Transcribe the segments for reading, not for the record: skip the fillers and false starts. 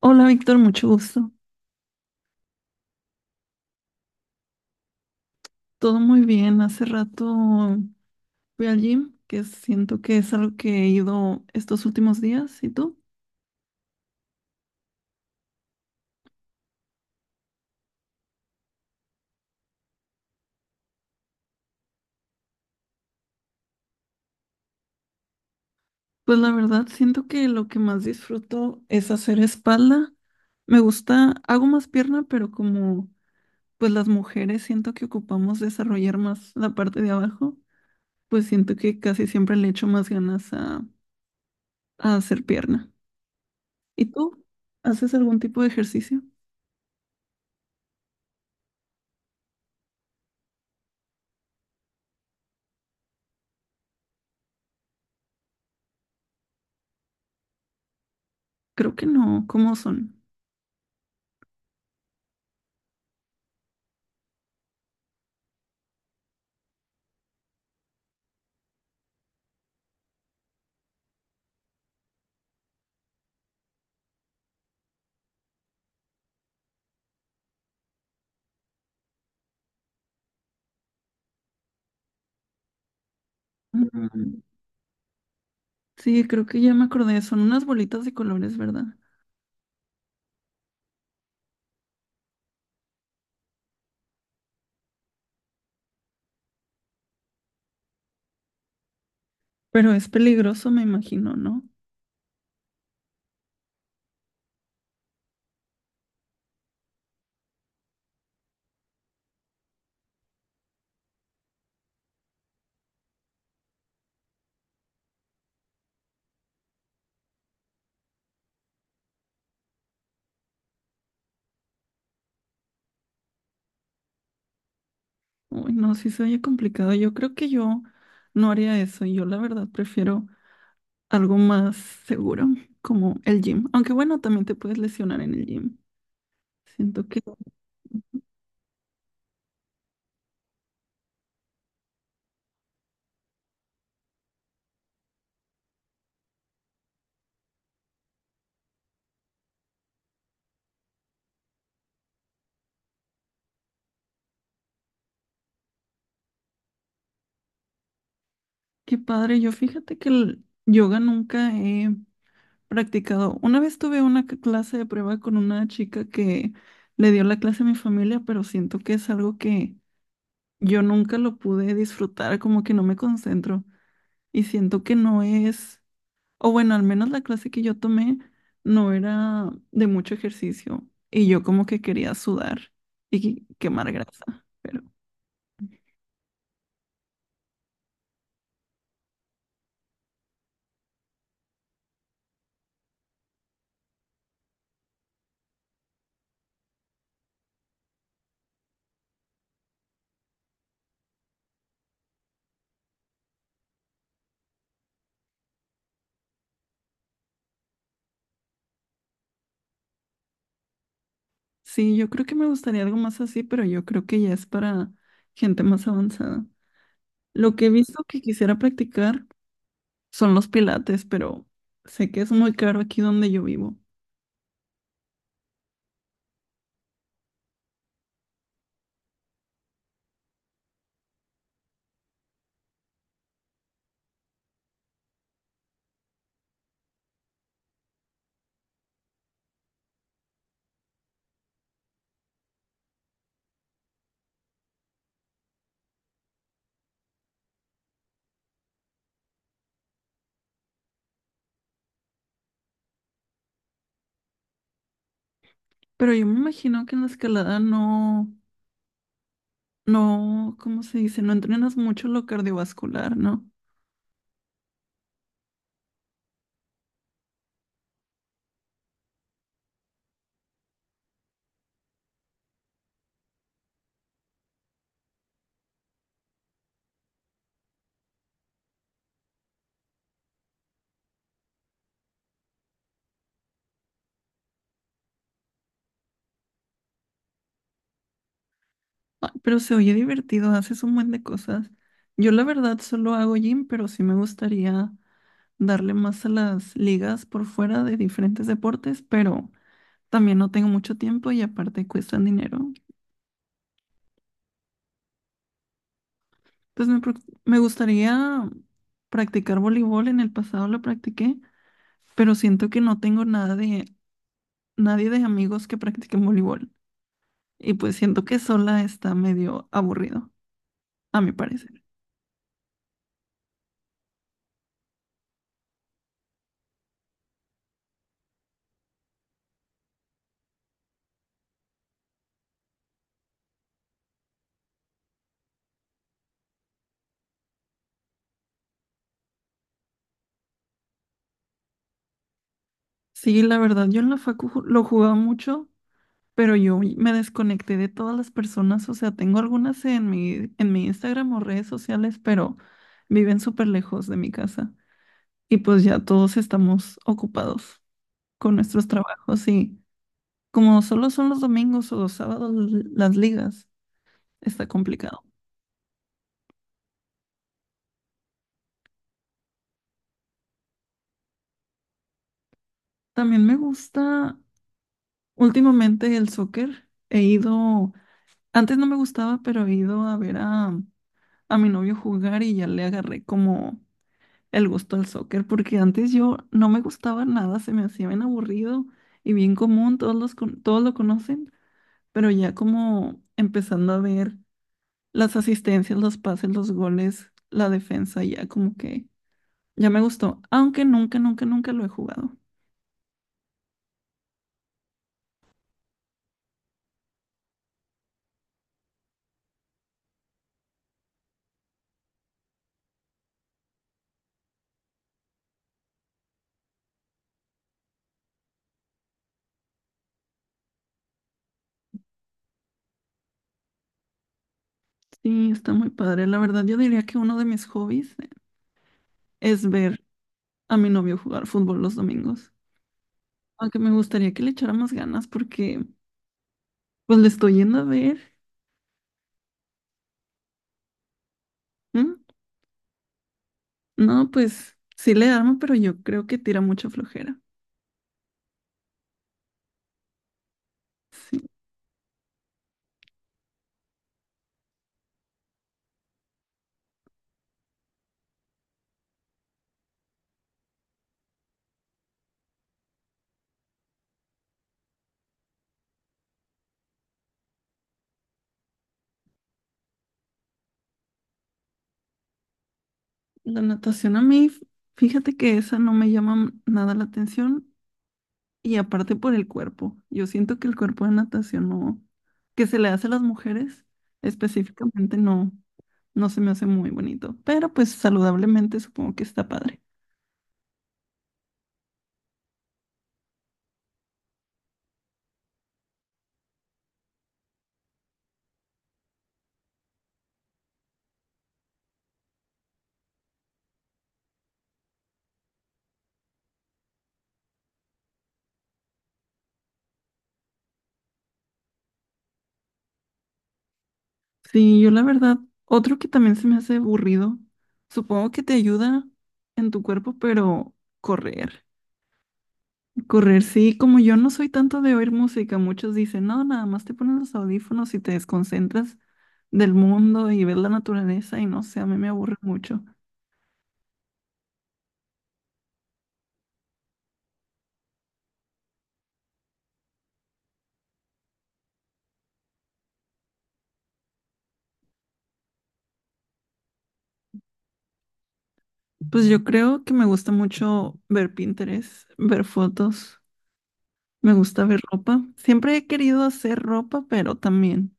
Hola Víctor, mucho gusto. Todo muy bien. Hace rato fui al gym, que siento que es algo que he ido estos últimos días. ¿Y tú? Pues la verdad, siento que lo que más disfruto es hacer espalda. Me gusta, hago más pierna, pero como pues las mujeres siento que ocupamos desarrollar más la parte de abajo, pues siento que casi siempre le echo más ganas a hacer pierna. ¿Y tú? ¿Haces algún tipo de ejercicio? Creo que no. ¿Cómo son? Sí, creo que ya me acordé, son unas bolitas de colores, ¿verdad? Pero es peligroso, me imagino, ¿no? Uy, no, sí se oye complicado. Yo creo que yo no haría eso. Yo la verdad prefiero algo más seguro, como el gym. Aunque bueno, también te puedes lesionar en el gym. Siento que qué padre. Yo fíjate que el yoga nunca he practicado. Una vez tuve una clase de prueba con una chica que le dio la clase a mi familia, pero siento que es algo que yo nunca lo pude disfrutar, como que no me concentro y siento que no es, o bueno, al menos la clase que yo tomé no era de mucho ejercicio y yo como que quería sudar y quemar grasa, pero sí, yo creo que me gustaría algo más así, pero yo creo que ya es para gente más avanzada. Lo que he visto que quisiera practicar son los pilates, pero sé que es muy caro aquí donde yo vivo, pero yo me imagino que en la escalada no. No, ¿cómo se dice? No entrenas mucho lo cardiovascular, ¿no? Ay, pero se oye divertido, haces un buen de cosas. Yo la verdad solo hago gym, pero sí me gustaría darle más a las ligas por fuera de diferentes deportes, pero también no tengo mucho tiempo y aparte cuestan dinero. Entonces me gustaría practicar voleibol, en el pasado lo practiqué, pero siento que no tengo nada de, nadie de amigos que practiquen voleibol y pues siento que sola está medio aburrido, a mi parecer. Sí, la verdad, yo en la facu lo jugaba mucho, pero yo me desconecté de todas las personas, o sea, tengo algunas en mi Instagram o redes sociales, pero viven súper lejos de mi casa y pues ya todos estamos ocupados con nuestros trabajos y como solo son los domingos o los sábados las ligas, está complicado. También me gusta últimamente el soccer, he ido, antes no me gustaba, pero he ido a ver a mi novio jugar y ya le agarré como el gusto al soccer, porque antes yo no me gustaba nada, se me hacía bien aburrido y bien común, todos los todos lo conocen, pero ya como empezando a ver las asistencias, los pases, los goles, la defensa, ya como que ya me gustó, aunque nunca, nunca, nunca lo he jugado. Sí, está muy padre. La verdad, yo diría que uno de mis hobbies es ver a mi novio jugar fútbol los domingos. Aunque me gustaría que le echara más ganas porque pues le estoy yendo a ver. Mm. No, pues sí le armo, pero yo creo que tira mucha flojera. Sí, la natación a mí, fíjate que esa no me llama nada la atención y aparte por el cuerpo. Yo siento que el cuerpo de natación no, que se le hace a las mujeres específicamente no, no se me hace muy bonito, pero pues saludablemente supongo que está padre. Sí, yo la verdad, otro que también se me hace aburrido, supongo que te ayuda en tu cuerpo, pero correr. Correr, sí, como yo no soy tanto de oír música, muchos dicen, no, nada más te pones los audífonos y te desconcentras del mundo y ves la naturaleza y no sé, a mí me aburre mucho. Pues yo creo que me gusta mucho ver Pinterest, ver fotos, me gusta ver ropa. Siempre he querido hacer ropa, pero también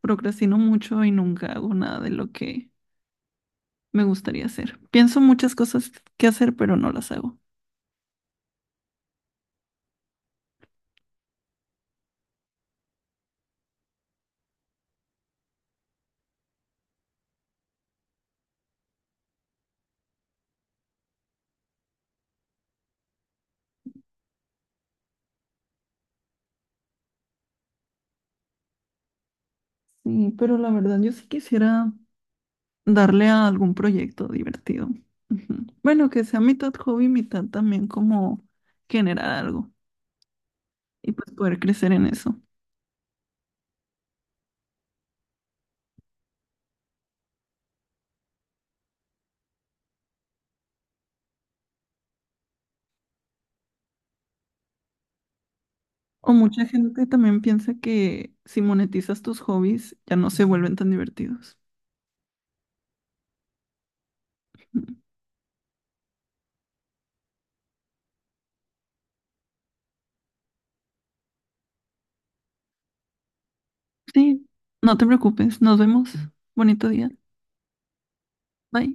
procrastino mucho y nunca hago nada de lo que me gustaría hacer. Pienso muchas cosas que hacer, pero no las hago. Sí, pero la verdad yo sí quisiera darle a algún proyecto divertido. Ujú. Bueno, que sea mitad hobby, mitad también como generar algo y pues poder crecer en eso. O mucha gente también piensa que si monetizas tus hobbies ya no se vuelven tan divertidos. Ujú. Sí, no te preocupes, nos vemos. Bonito día. Bye.